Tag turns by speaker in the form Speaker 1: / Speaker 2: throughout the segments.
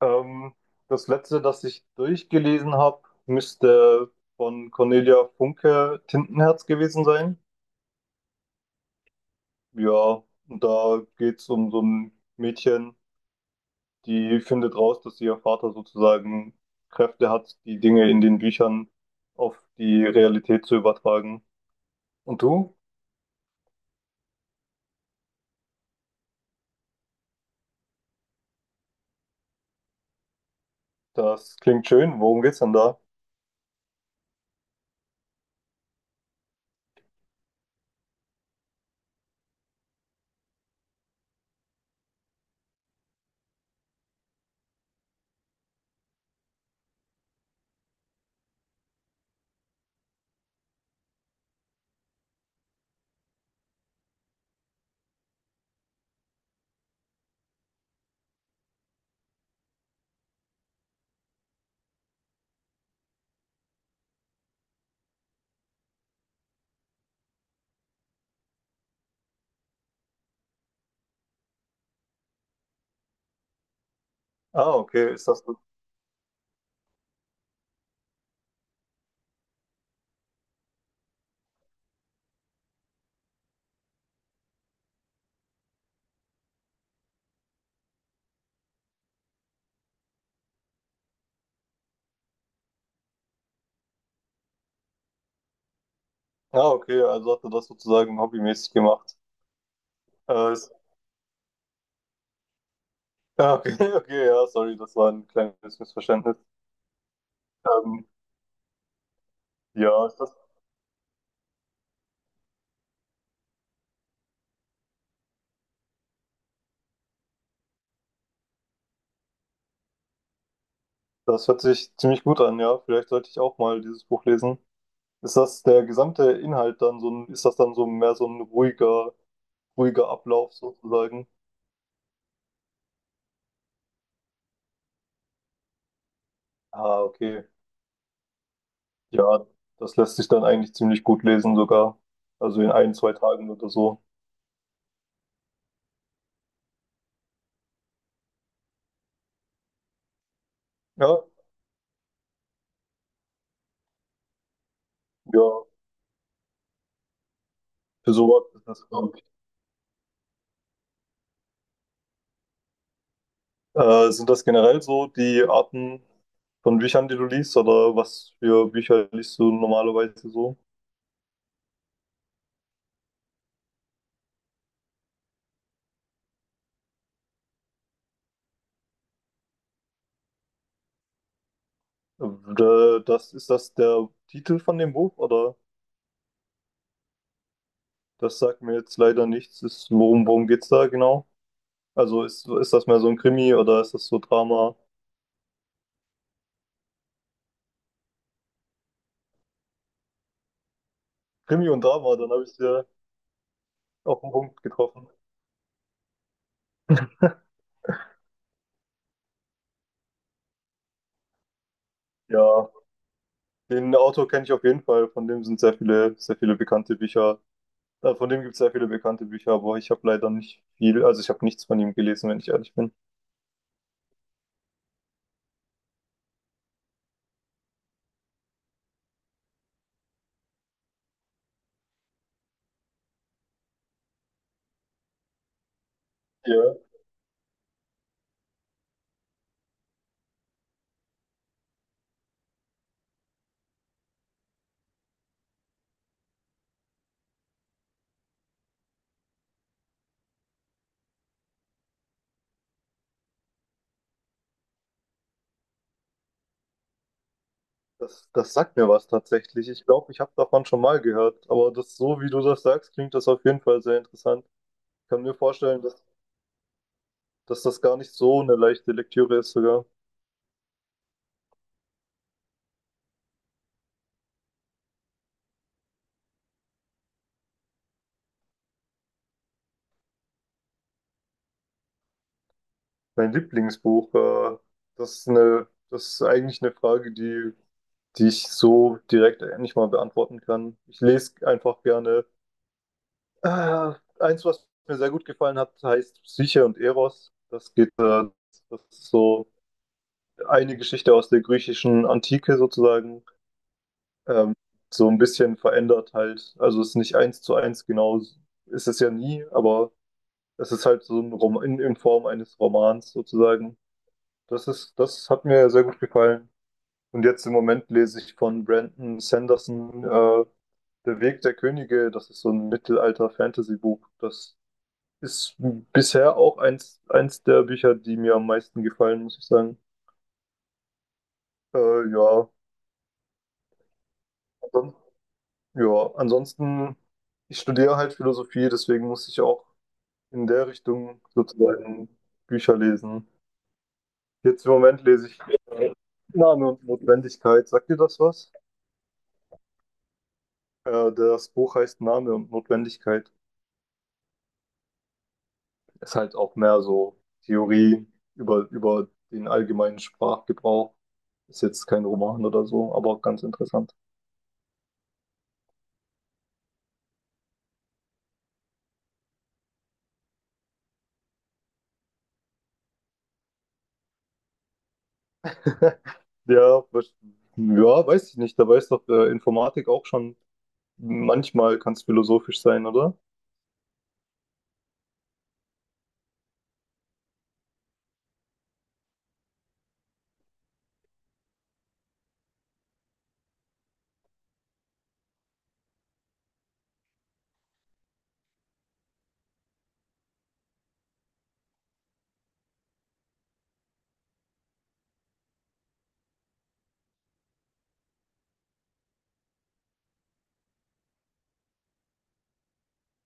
Speaker 1: Ähm, Das letzte, das ich durchgelesen habe, müsste von Cornelia Funke Tintenherz gewesen sein. Ja, und da geht es um so ein Mädchen, die findet raus, dass ihr Vater sozusagen Kräfte hat, die Dinge in den Büchern auf die Realität zu übertragen. Und du? Das klingt schön. Worum geht's denn da? Ah, okay, ist das so? Ah, okay, also hat er das sozusagen hobbymäßig gemacht. Äh, ist... Ah, okay, okay, ja, sorry, das war ein kleines Missverständnis. Ähm, ja, das hört sich ziemlich gut an, ja. Vielleicht sollte ich auch mal dieses Buch lesen. Ist das der gesamte Inhalt, dann so ein, ist das dann so mehr so ein ruhiger, ruhiger Ablauf sozusagen? Ah, okay. Ja, das lässt sich dann eigentlich ziemlich gut lesen sogar. Also in ein, zwei Tagen oder so. Ja, ja, für sowas ist das, glaube ich. Sind das generell so die Arten von Büchern, die du liest, oder was für Bücher liest du normalerweise so? Das ist, das der Titel von dem Buch, oder? Das sagt mir jetzt leider nichts. Ist, worum geht's da genau? Also ist das mehr so ein Krimi oder ist das so Drama? Krimi und Drama, dann habe ich es ja auf den Punkt getroffen. Ja, den Autor kenne ich auf jeden Fall. Von dem sind sehr viele bekannte Bücher. Von dem gibt es sehr viele bekannte Bücher, aber ich habe leider nicht viel, also ich habe nichts von ihm gelesen, wenn ich ehrlich bin. Ja, das sagt mir was tatsächlich. Ich glaube, ich habe davon schon mal gehört, aber das, so wie du das sagst, klingt das auf jeden Fall sehr interessant. Ich kann mir vorstellen, dass, dass das gar nicht so eine leichte Lektüre ist sogar. Mein Lieblingsbuch, das ist eine, das ist eigentlich eine Frage, die, die ich so direkt nicht mal beantworten kann. Ich lese einfach gerne. Äh, Eins, was mir sehr gut gefallen hat, heißt Psyche und Eros. Das geht, das ist so eine Geschichte aus der griechischen Antike sozusagen. Ähm, so ein bisschen verändert halt. Also es ist nicht eins zu eins genau, ist es ja nie, aber es ist halt so ein Roman in Form eines Romans sozusagen. Das ist, das hat mir sehr gut gefallen. Und jetzt im Moment lese ich von Brandon Sanderson Der Weg der Könige. Das ist so ein Mittelalter-Fantasy-Buch. Das ist bisher auch eins, eins der Bücher, die mir am meisten gefallen, muss ich sagen. Ja, ansonsten- ja, ansonsten, ich studiere halt Philosophie, deswegen muss ich auch in der Richtung sozusagen Bücher lesen. Jetzt im Moment lese ich äh, Name und Notwendigkeit. Sagt dir das was? Das Buch heißt Name und Notwendigkeit. Ist halt auch mehr so Theorie über den allgemeinen Sprachgebrauch. Ist jetzt kein Roman oder so, aber ganz interessant. Ja, ja, weiß ich nicht. Da weiß doch Informatik auch schon, manchmal kann es philosophisch sein, oder?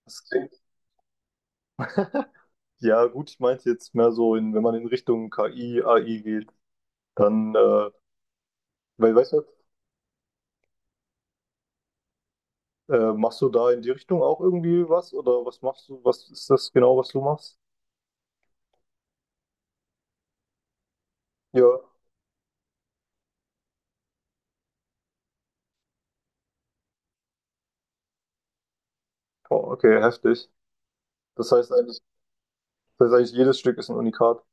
Speaker 1: Das klingt, ja, gut, ich meinte jetzt mehr so, in, wenn man in Richtung KI, AI geht, dann, weil, weißt du, machst du da in die Richtung auch irgendwie was? Oder was machst du? Was ist das genau, was du machst? Ja, boah, okay, heftig. Das heißt eigentlich, das heißt eigentlich jedes Stück ist ein Unikat.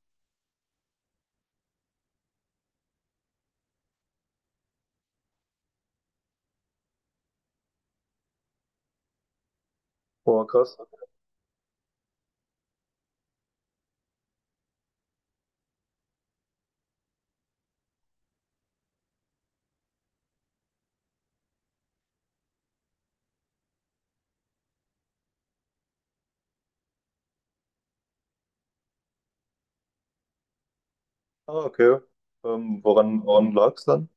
Speaker 1: Boah, krass. Ah, okay. Woran, woran lag es dann?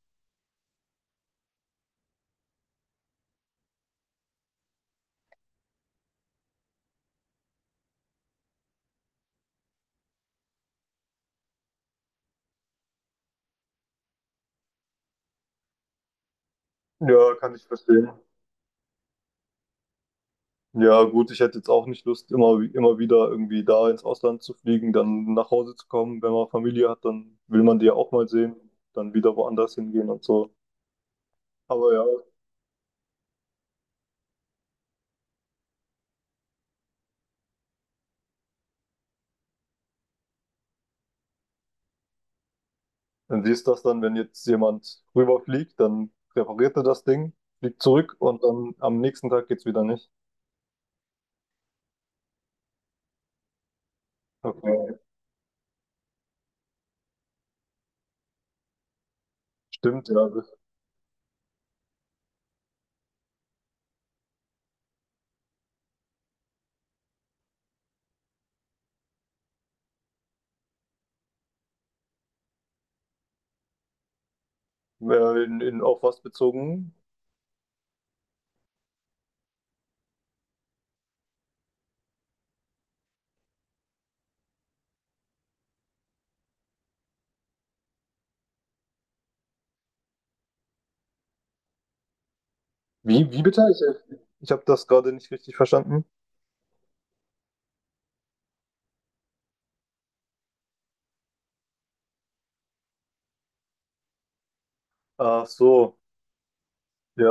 Speaker 1: Ja, kann ich verstehen. Ja, gut, ich hätte jetzt auch nicht Lust, immer, immer wieder irgendwie da ins Ausland zu fliegen, dann nach Hause zu kommen. Wenn man Familie hat, dann will man die ja auch mal sehen, dann wieder woanders hingehen und so. Aber ja. Und wie ist das dann, wenn jetzt jemand rüberfliegt, dann repariert er das Ding, fliegt zurück und dann am nächsten Tag geht's wieder nicht. Okay, stimmt, ja. In, auf was bezogen? Wie, wie bitte? Ich habe das gerade nicht richtig verstanden. Ach so, ja.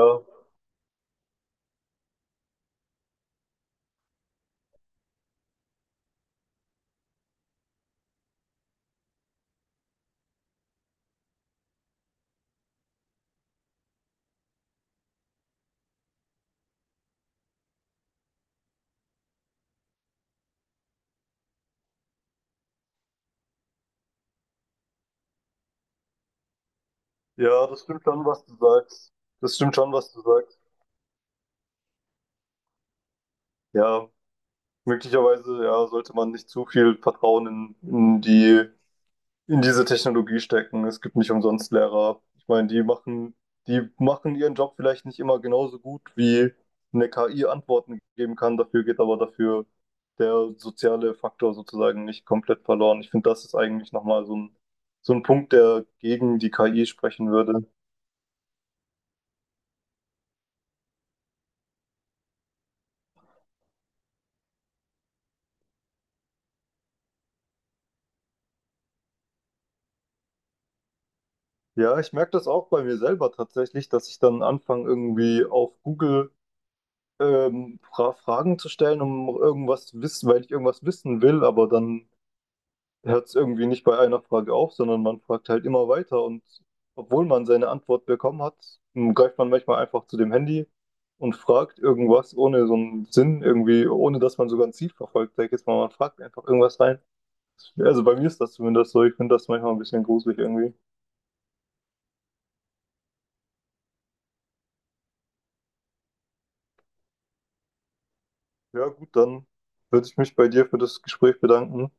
Speaker 1: Ja, das stimmt schon, was du sagst. Das stimmt schon, was du sagst. Ja, möglicherweise, ja, sollte man nicht zu viel Vertrauen in die in diese Technologie stecken. Es gibt nicht umsonst Lehrer. Ich meine, die machen ihren Job vielleicht nicht immer genauso gut, wie eine KI Antworten geben kann. Dafür geht aber dafür der soziale Faktor sozusagen nicht komplett verloren. Ich finde, das ist eigentlich nochmal so ein Punkt, der gegen die KI sprechen würde. Ja, ich merke das auch bei mir selber tatsächlich, dass ich dann anfange, irgendwie auf Google Fragen zu stellen, um irgendwas wissen, weil ich irgendwas wissen will, aber dann hört es irgendwie nicht bei einer Frage auf, sondern man fragt halt immer weiter und obwohl man seine Antwort bekommen hat, greift man manchmal einfach zu dem Handy und fragt irgendwas ohne so einen Sinn irgendwie, ohne dass man sogar ein Ziel verfolgt. Sag ich jetzt mal, man fragt einfach irgendwas rein. Also bei mir ist das zumindest so. Ich finde das manchmal ein bisschen gruselig irgendwie. Ja, gut, dann würde ich mich bei dir für das Gespräch bedanken.